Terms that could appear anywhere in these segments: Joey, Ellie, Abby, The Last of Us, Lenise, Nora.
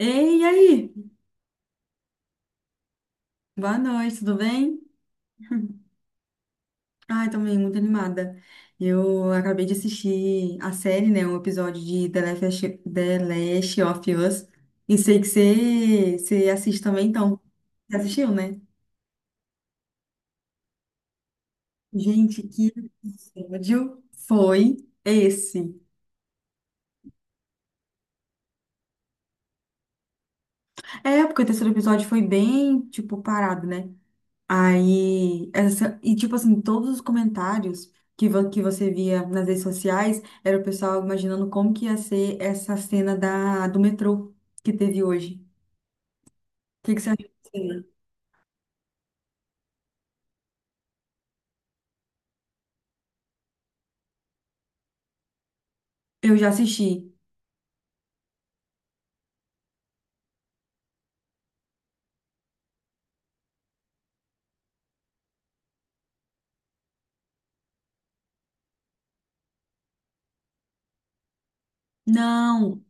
Ei, e aí? Boa noite, tudo bem? Ai, também muito animada. Eu acabei de assistir a série, né? Um episódio de The Last of Us. E sei que você assiste também, então. Você assistiu, né? Gente, que episódio foi esse? É, porque o terceiro episódio foi bem, tipo, parado, né? Aí, essa, e tipo assim, todos os comentários que, que você via nas redes sociais era o pessoal imaginando como que ia ser essa cena da, do metrô que teve hoje. O que, que você achou da cena? Eu já assisti. Não,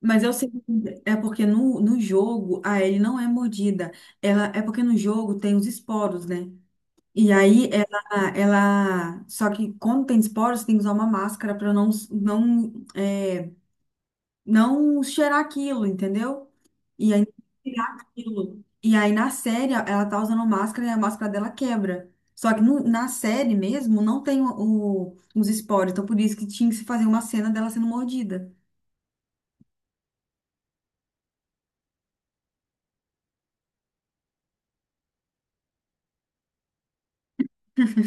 mas eu sei que é porque no, no jogo a Ellie não é mordida. Ela, é porque no jogo tem os esporos, né? E aí ela. Só que quando tem esporos, tem que usar uma máscara para não, não é, não cheirar aquilo, entendeu? E aí tirar aquilo. E aí na série ela tá usando máscara e a máscara dela quebra. Só que na série mesmo não tem os esporos, então por isso que tinha que se fazer uma cena dela sendo mordida.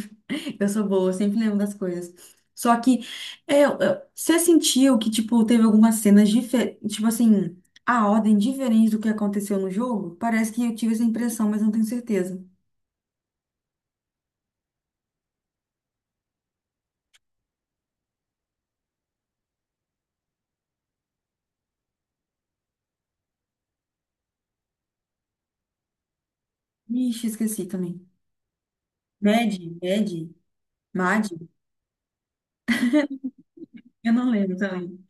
Eu sou boa, eu sempre lembro das coisas. Só que é, você sentiu que, tipo, teve algumas cenas diferentes, tipo assim, a ordem diferente do que aconteceu no jogo? Parece que eu tive essa impressão, mas não tenho certeza. Ixi, esqueci também. Mad, Mad, Mad. Eu não lembro também.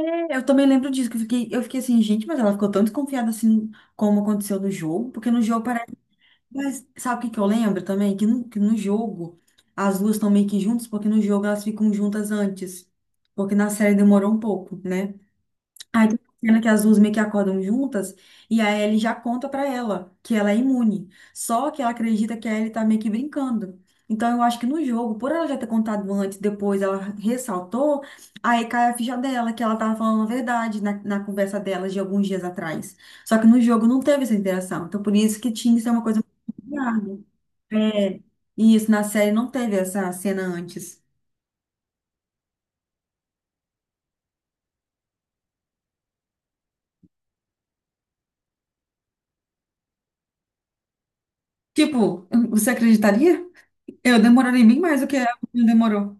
É, eu também lembro disso, que eu fiquei assim, gente, mas ela ficou tão desconfiada assim, como aconteceu no jogo, porque no jogo parece. Mas sabe o que que eu lembro também? Que no jogo as duas estão meio que juntas, porque no jogo elas ficam juntas antes. Porque na série demorou um pouco, né? Aí tem uma cena que as duas meio que acordam juntas e a Ellie já conta pra ela que ela é imune. Só que ela acredita que a Ellie tá meio que brincando. Então eu acho que no jogo, por ela já ter contado antes, depois ela ressaltou, aí cai a ficha dela, que ela tava falando a verdade na, conversa dela de alguns dias atrás. Só que no jogo não teve essa interação. Então por isso que tinha que ser uma coisa muito grave. É, e isso na série não teve essa cena antes. Tipo, você acreditaria? Eu demoraria bem mais do que ela demorou.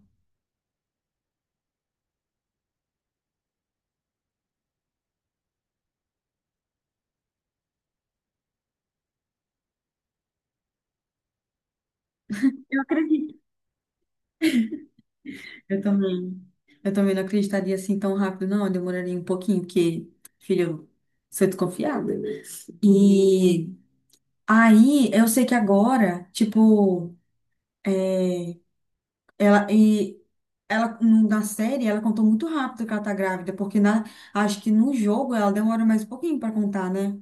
Eu acredito. Eu também. Eu também não acreditaria assim tão rápido, não. Eu demoraria um pouquinho, porque, filho, eu sou desconfiada. E aí, eu sei que agora, tipo, é, ela e ela na série ela contou muito rápido que ela tá grávida, porque acho que no jogo ela demora mais um pouquinho pra contar, né?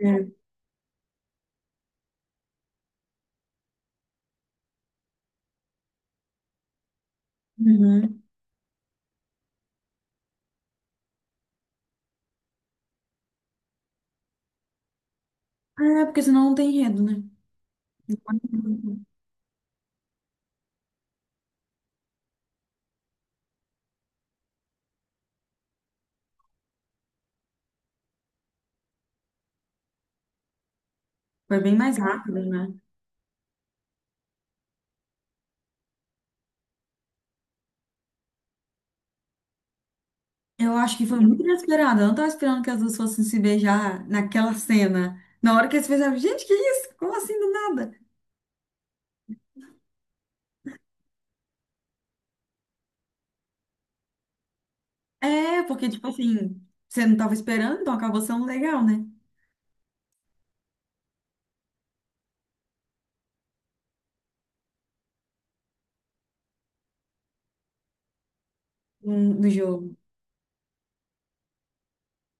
É. Uhum. É, porque senão não tem enredo, né? Foi bem mais rápido, né? Eu acho que foi muito inesperado. Eu não estava esperando que as duas fossem se beijar naquela cena. Na hora que eles beijaram. Gente, que isso? Como assim do nada? É, porque, tipo assim, você não estava esperando, então acabou sendo legal, né? No jogo.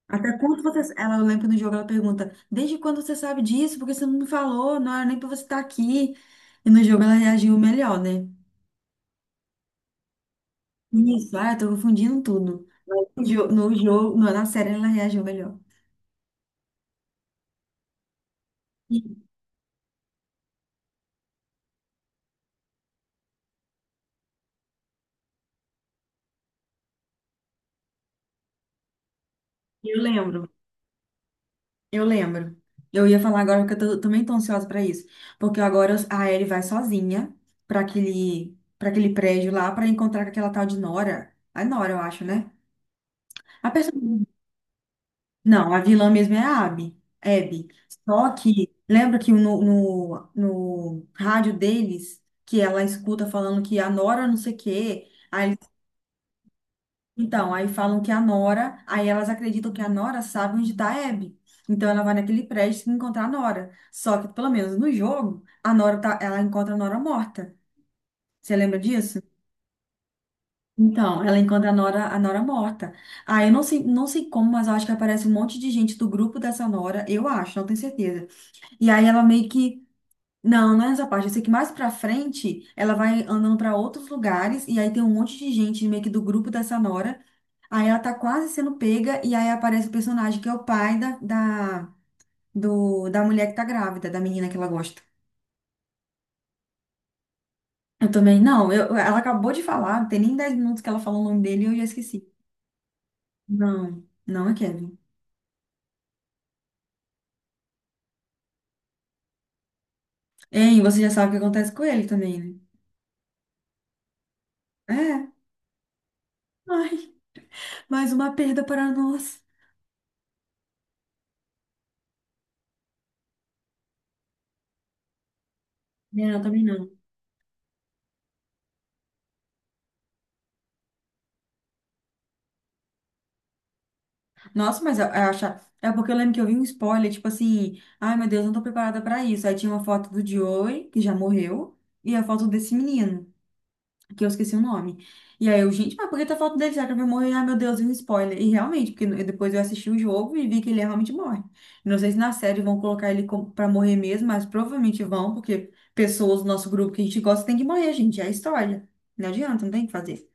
Até quando você. Ela, eu lembro no jogo, ela pergunta: Desde quando você sabe disso? Porque você não me falou, não era nem pra você estar aqui. E no jogo ela reagiu melhor, né? Isso, ah, eu tô confundindo tudo. Mas no jogo na série ela reagiu melhor. E Eu lembro. Eu lembro. Eu ia falar agora porque eu também tô ansiosa pra isso. Porque agora a Ellie vai sozinha para aquele prédio lá pra encontrar com aquela tal de Nora. A Nora, eu acho, né? A pessoa. Não, a vilã mesmo é a Abby. Abby. Só que lembra que no, no rádio deles que ela escuta falando que a Nora não sei o quê. Aí Então, aí falam que a Nora, aí elas acreditam que a Nora sabe onde está a Abby. Então ela vai naquele prédio encontrar a Nora. Só que, pelo menos no jogo, ela encontra a Nora morta. Você lembra disso? Então, ela encontra a Nora morta. Aí eu não sei como, mas eu acho que aparece um monte de gente do grupo dessa Nora, eu acho, não tenho certeza. E aí ela meio que. Não, não é nessa parte. Eu sei que mais pra frente ela vai andando pra outros lugares e aí tem um monte de gente meio que do grupo dessa Nora. Aí ela tá quase sendo pega, e aí aparece o personagem que é o pai da, da, do, da mulher que tá grávida, da menina que ela gosta. Eu também, não, eu, ela acabou de falar, não tem nem 10 minutos que ela falou o nome dele e eu já esqueci. Não, não é Kevin. Hein, você já sabe o que acontece com ele também, né? É, ai, mais uma perda para nós. É, eu também não. Nossa, mas eu acho. É porque eu lembro que eu vi um spoiler, tipo assim, ai meu Deus, não tô preparada pra isso. Aí tinha uma foto do Joey, que já morreu, e a foto desse menino que eu esqueci o nome. E aí eu, gente, mas por que tá falando dele? Será que ele vai morrer? Ah, meu Deus, e um spoiler. E realmente, porque depois eu assisti o jogo e vi que ele realmente morre. Não sei se na série vão colocar ele como, pra morrer mesmo, mas provavelmente vão, porque pessoas do nosso grupo que a gente gosta tem que morrer, gente. É a história. Não adianta, não tem o que fazer.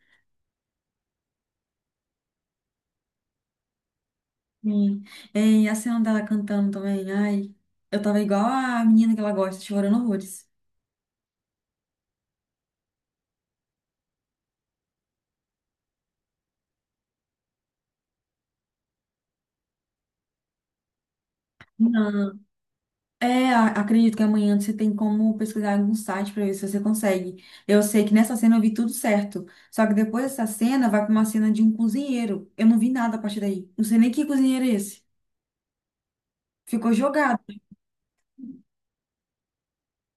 Sim. E a cena dela cantando também. Ai, eu tava igual a menina que ela gosta, chorando horrores. É, acredito que amanhã você tem como pesquisar em algum site para ver se você consegue. Eu sei que nessa cena eu vi tudo certo. Só que depois dessa cena vai para uma cena de um cozinheiro. Eu não vi nada a partir daí. Não sei nem que cozinheiro é esse. Ficou jogado.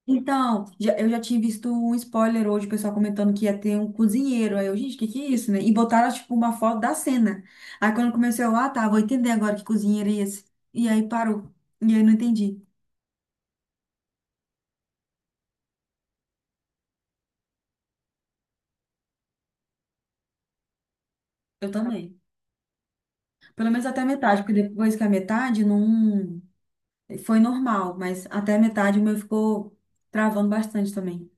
Então, eu já tinha visto um spoiler hoje, o pessoal comentando que ia ter um cozinheiro. Aí eu, gente, o que que é isso, né? E botaram, tipo, uma foto da cena. Aí quando comecei, eu, ah, tá, vou entender agora que cozinheiro é esse. E aí parou. E aí não entendi. Eu também. Pelo menos até a metade, porque depois que a metade não. Foi normal, mas até a metade o meu ficou travando bastante também.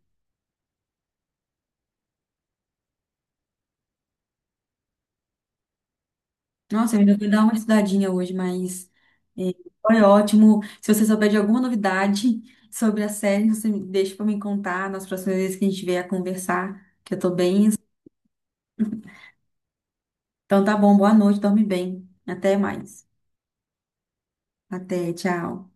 Nossa, eu ainda vou dar uma estudadinha hoje, mas é, foi ótimo. Se você souber de alguma novidade sobre a série, você me deixa para me contar nas próximas vezes que a gente vier a conversar, que eu tô bem. Então tá bom, boa noite, dorme bem. Até mais. Até, tchau.